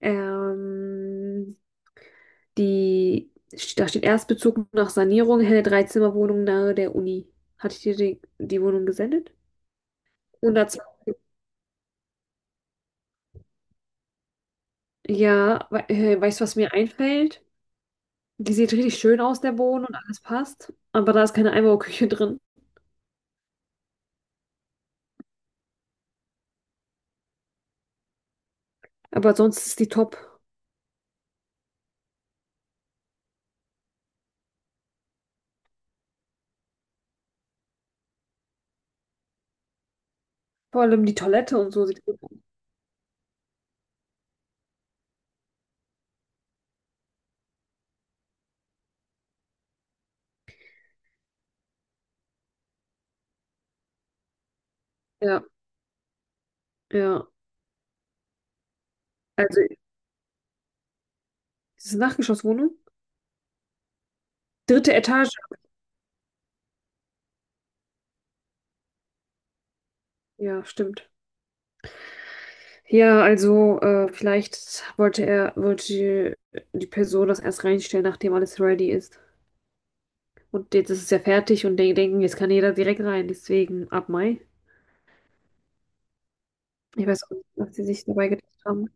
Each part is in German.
Ähm, die, da steht Erstbezug nach Sanierung, helle Dreizimmerwohnung nahe der Uni. Hatte ich dir die Wohnung gesendet? 120. Ja, we weißt du, was mir einfällt? Die sieht richtig schön aus, der Boden und alles passt. Aber da ist keine Einbauküche drin. Aber sonst ist die top. Vor allem die Toilette und so sieht gut aus. Ja, ja. Also, ist es eine Nachgeschosswohnung? Dritte Etage. Ja, stimmt. Ja, also vielleicht wollte die Person das erst reinstellen, nachdem alles ready ist. Und jetzt ist es ja fertig und die denken, jetzt kann jeder direkt rein, deswegen ab Mai. Ich weiß auch nicht, was sie sich dabei gedacht haben.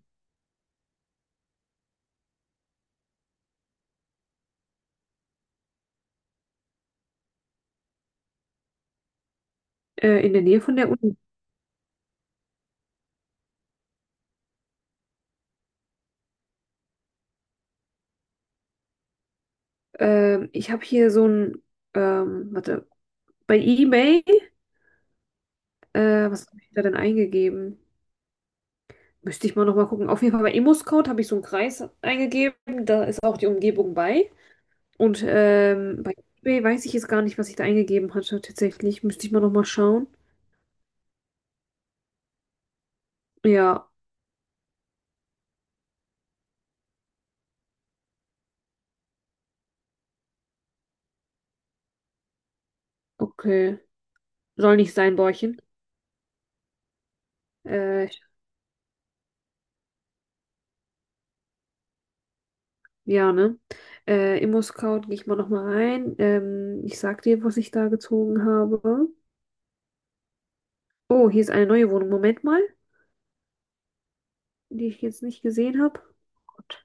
In der Nähe von der Uni. Ich habe hier so ein, warte, bei eBay, was habe ich da denn eingegeben? Müsste ich mal nochmal gucken. Auf jeden Fall bei Immoscout habe ich so einen Kreis eingegeben, da ist auch die Umgebung bei. Und bei eBay weiß ich jetzt gar nicht, was ich da eingegeben hatte. Tatsächlich müsste ich mal nochmal schauen. Ja, okay. Soll nicht sein, Bäuerchen. Äh, ja, ne? ImmoScout gehe ich mal nochmal rein. Ich sag dir, was ich da gezogen habe. Oh, hier ist eine neue Wohnung. Moment mal, die ich jetzt nicht gesehen habe. Gott.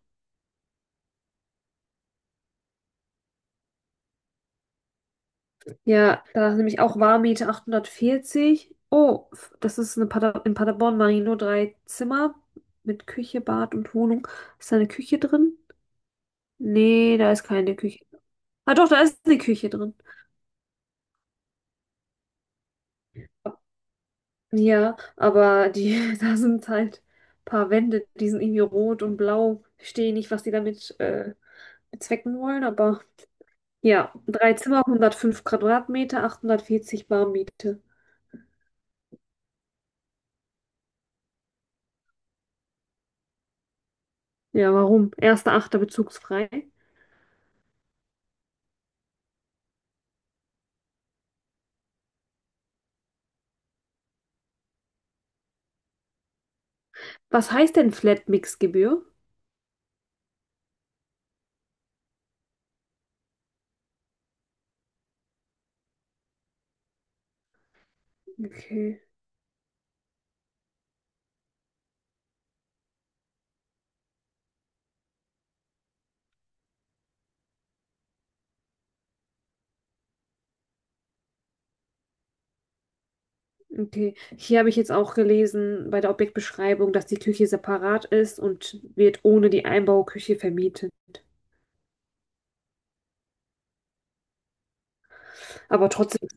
Ja, da ist nämlich auch Warmmiete 840. Oh, das ist eine Pader in Paderborn, Marino, drei Zimmer mit Küche, Bad und Wohnung. Ist da eine Küche drin? Nee, da ist keine Küche. Ah doch, da ist eine Küche drin. Ja, aber die, da sind halt ein paar Wände, die sind irgendwie rot und blau. Verstehe nicht, was die damit bezwecken wollen, aber ja, drei Zimmer, 105 Quadratmeter, 840 Bar Miete. Ja, warum? Erster, achter bezugsfrei. Was heißt denn Flat-Mix-Gebühr? Okay, okay. Hier habe ich jetzt auch gelesen bei der Objektbeschreibung, dass die Küche separat ist und wird ohne die Einbauküche vermietet. Aber trotzdem,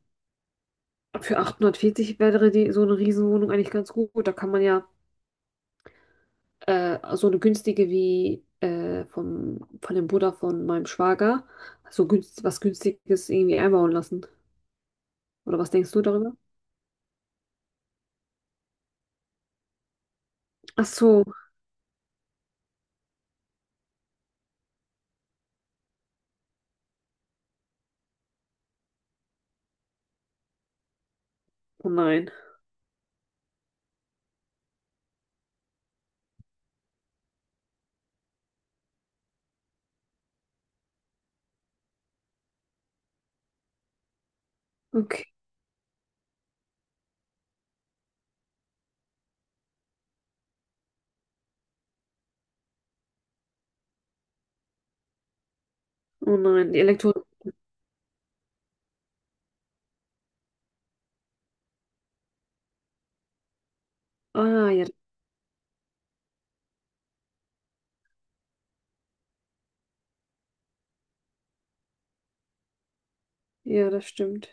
für 840 wäre die, so eine Riesenwohnung eigentlich ganz gut. Da kann man ja so eine günstige wie von dem Bruder von meinem Schwager, was Günstiges irgendwie einbauen lassen. Oder was denkst du darüber? Ach so, oh nein. Okay, oh nein, die Elektro... Ah, ja, ja, das stimmt.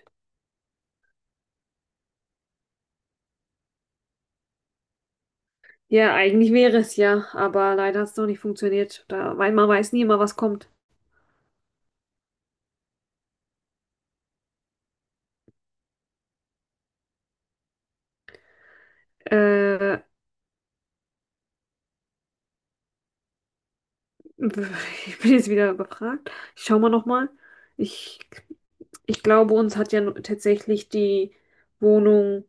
Ja, eigentlich wäre es ja, aber leider hat es noch nicht funktioniert. Da, weil man weiß nie immer, was kommt. Äh, Ich bin jetzt wieder überfragt. Ich schau mal nochmal. Ich, ich glaube, uns hat ja tatsächlich die Wohnung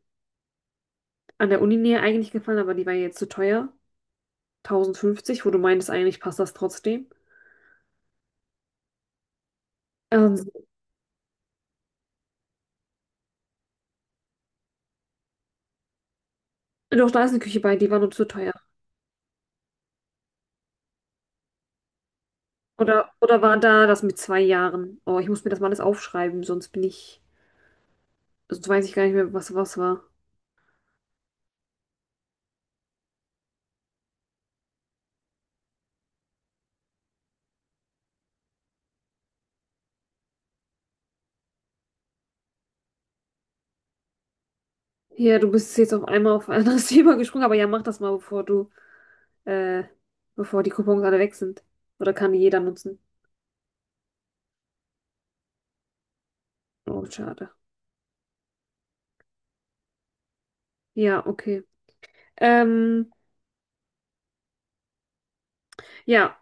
an der Uninähe eigentlich gefallen, aber die war jetzt zu teuer. 1.050, wo du meintest, eigentlich passt das trotzdem. Ähm, Doch, da ist eine Küche bei, die war nur zu teuer. Oder war da das mit 2 Jahren? Oh, ich muss mir das mal alles aufschreiben, sonst sonst weiß ich gar nicht mehr, was war. Ja, du bist jetzt auf einmal auf ein anderes Thema gesprungen, aber ja, mach das mal, bevor du äh, bevor die Coupons alle weg sind. Oder kann die jeder nutzen? Oh, schade. Ja, okay. Ähm, ja,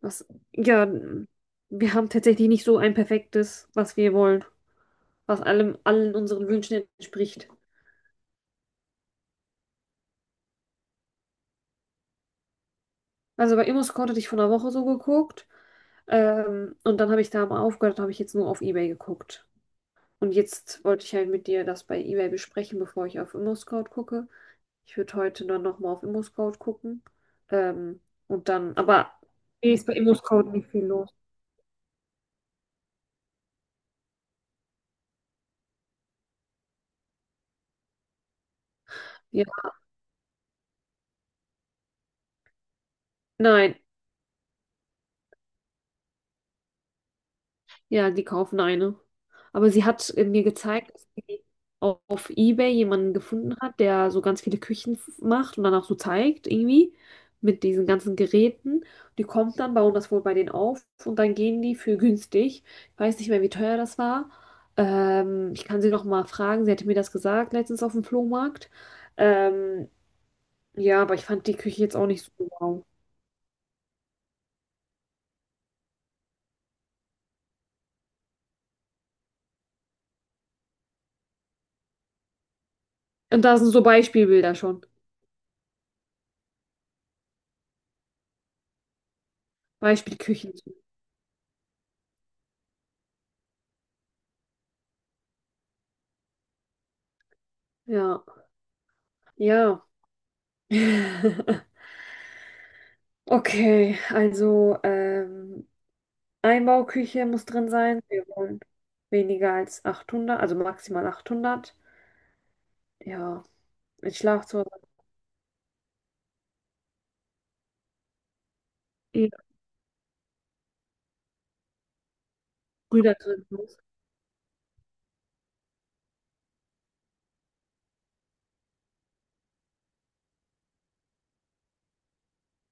was, ja, wir haben tatsächlich nicht so ein perfektes, was wir wollen, was allen unseren Wünschen entspricht. Also bei ImmoScout hatte ich vor einer Woche so geguckt, und dann habe ich da mal aufgehört, habe ich jetzt nur auf eBay geguckt. Und jetzt wollte ich halt mit dir das bei eBay besprechen, bevor ich auf ImmoScout gucke. Ich würde heute dann nochmal auf ImmoScout gucken. Ähm, und dann, aber Nee, ist bei ImmoScout nicht viel los. Ja, nein, ja, die kaufen eine. Aber sie hat mir gezeigt, dass sie auf eBay jemanden gefunden hat, der so ganz viele Küchen macht und dann auch so zeigt, irgendwie, mit diesen ganzen Geräten. Die kommt dann, bauen das wohl bei denen auf und dann gehen die für günstig. Ich weiß nicht mehr, wie teuer das war. Ich kann sie noch mal fragen. Sie hatte mir das gesagt letztens auf dem Flohmarkt. Ähm, Ja, aber ich fand die Küche jetzt auch nicht so wow. Und da sind so Beispielbilder schon. Beispielküchen. Ja, ja. Okay, also Einbauküche muss drin sein. Wir wollen weniger als 800, also maximal 800. Ja, ein Schlafzimmer, eh Brüder drin muss.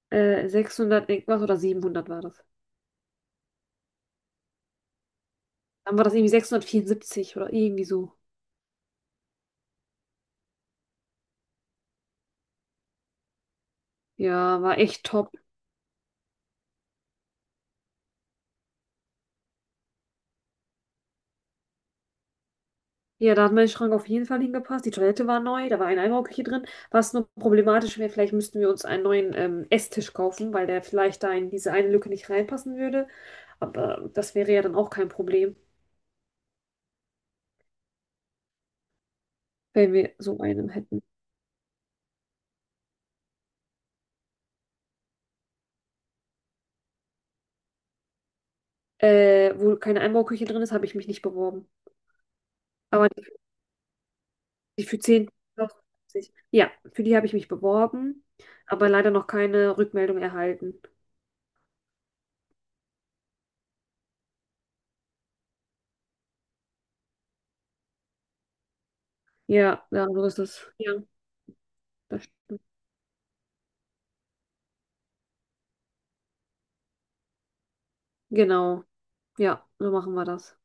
600 irgendwas oder 700 war das. Dann war das irgendwie 674 oder irgendwie so. Ja, war echt top. Ja, da hat mein Schrank auf jeden Fall hingepasst. Die Toilette war neu, da war ein Einbauküche drin. Was nur problematisch wäre, vielleicht müssten wir uns einen neuen Esstisch kaufen, weil der vielleicht da in diese eine Lücke nicht reinpassen würde. Aber das wäre ja dann auch kein Problem, wenn wir so einen hätten. Wo keine Einbauküche drin ist, habe ich mich nicht beworben. Aber die, die für zehn, ja, für die habe ich mich beworben, aber leider noch keine Rückmeldung erhalten. Ja, ja, so ist das. Ja, das, genau. Ja, so machen wir das.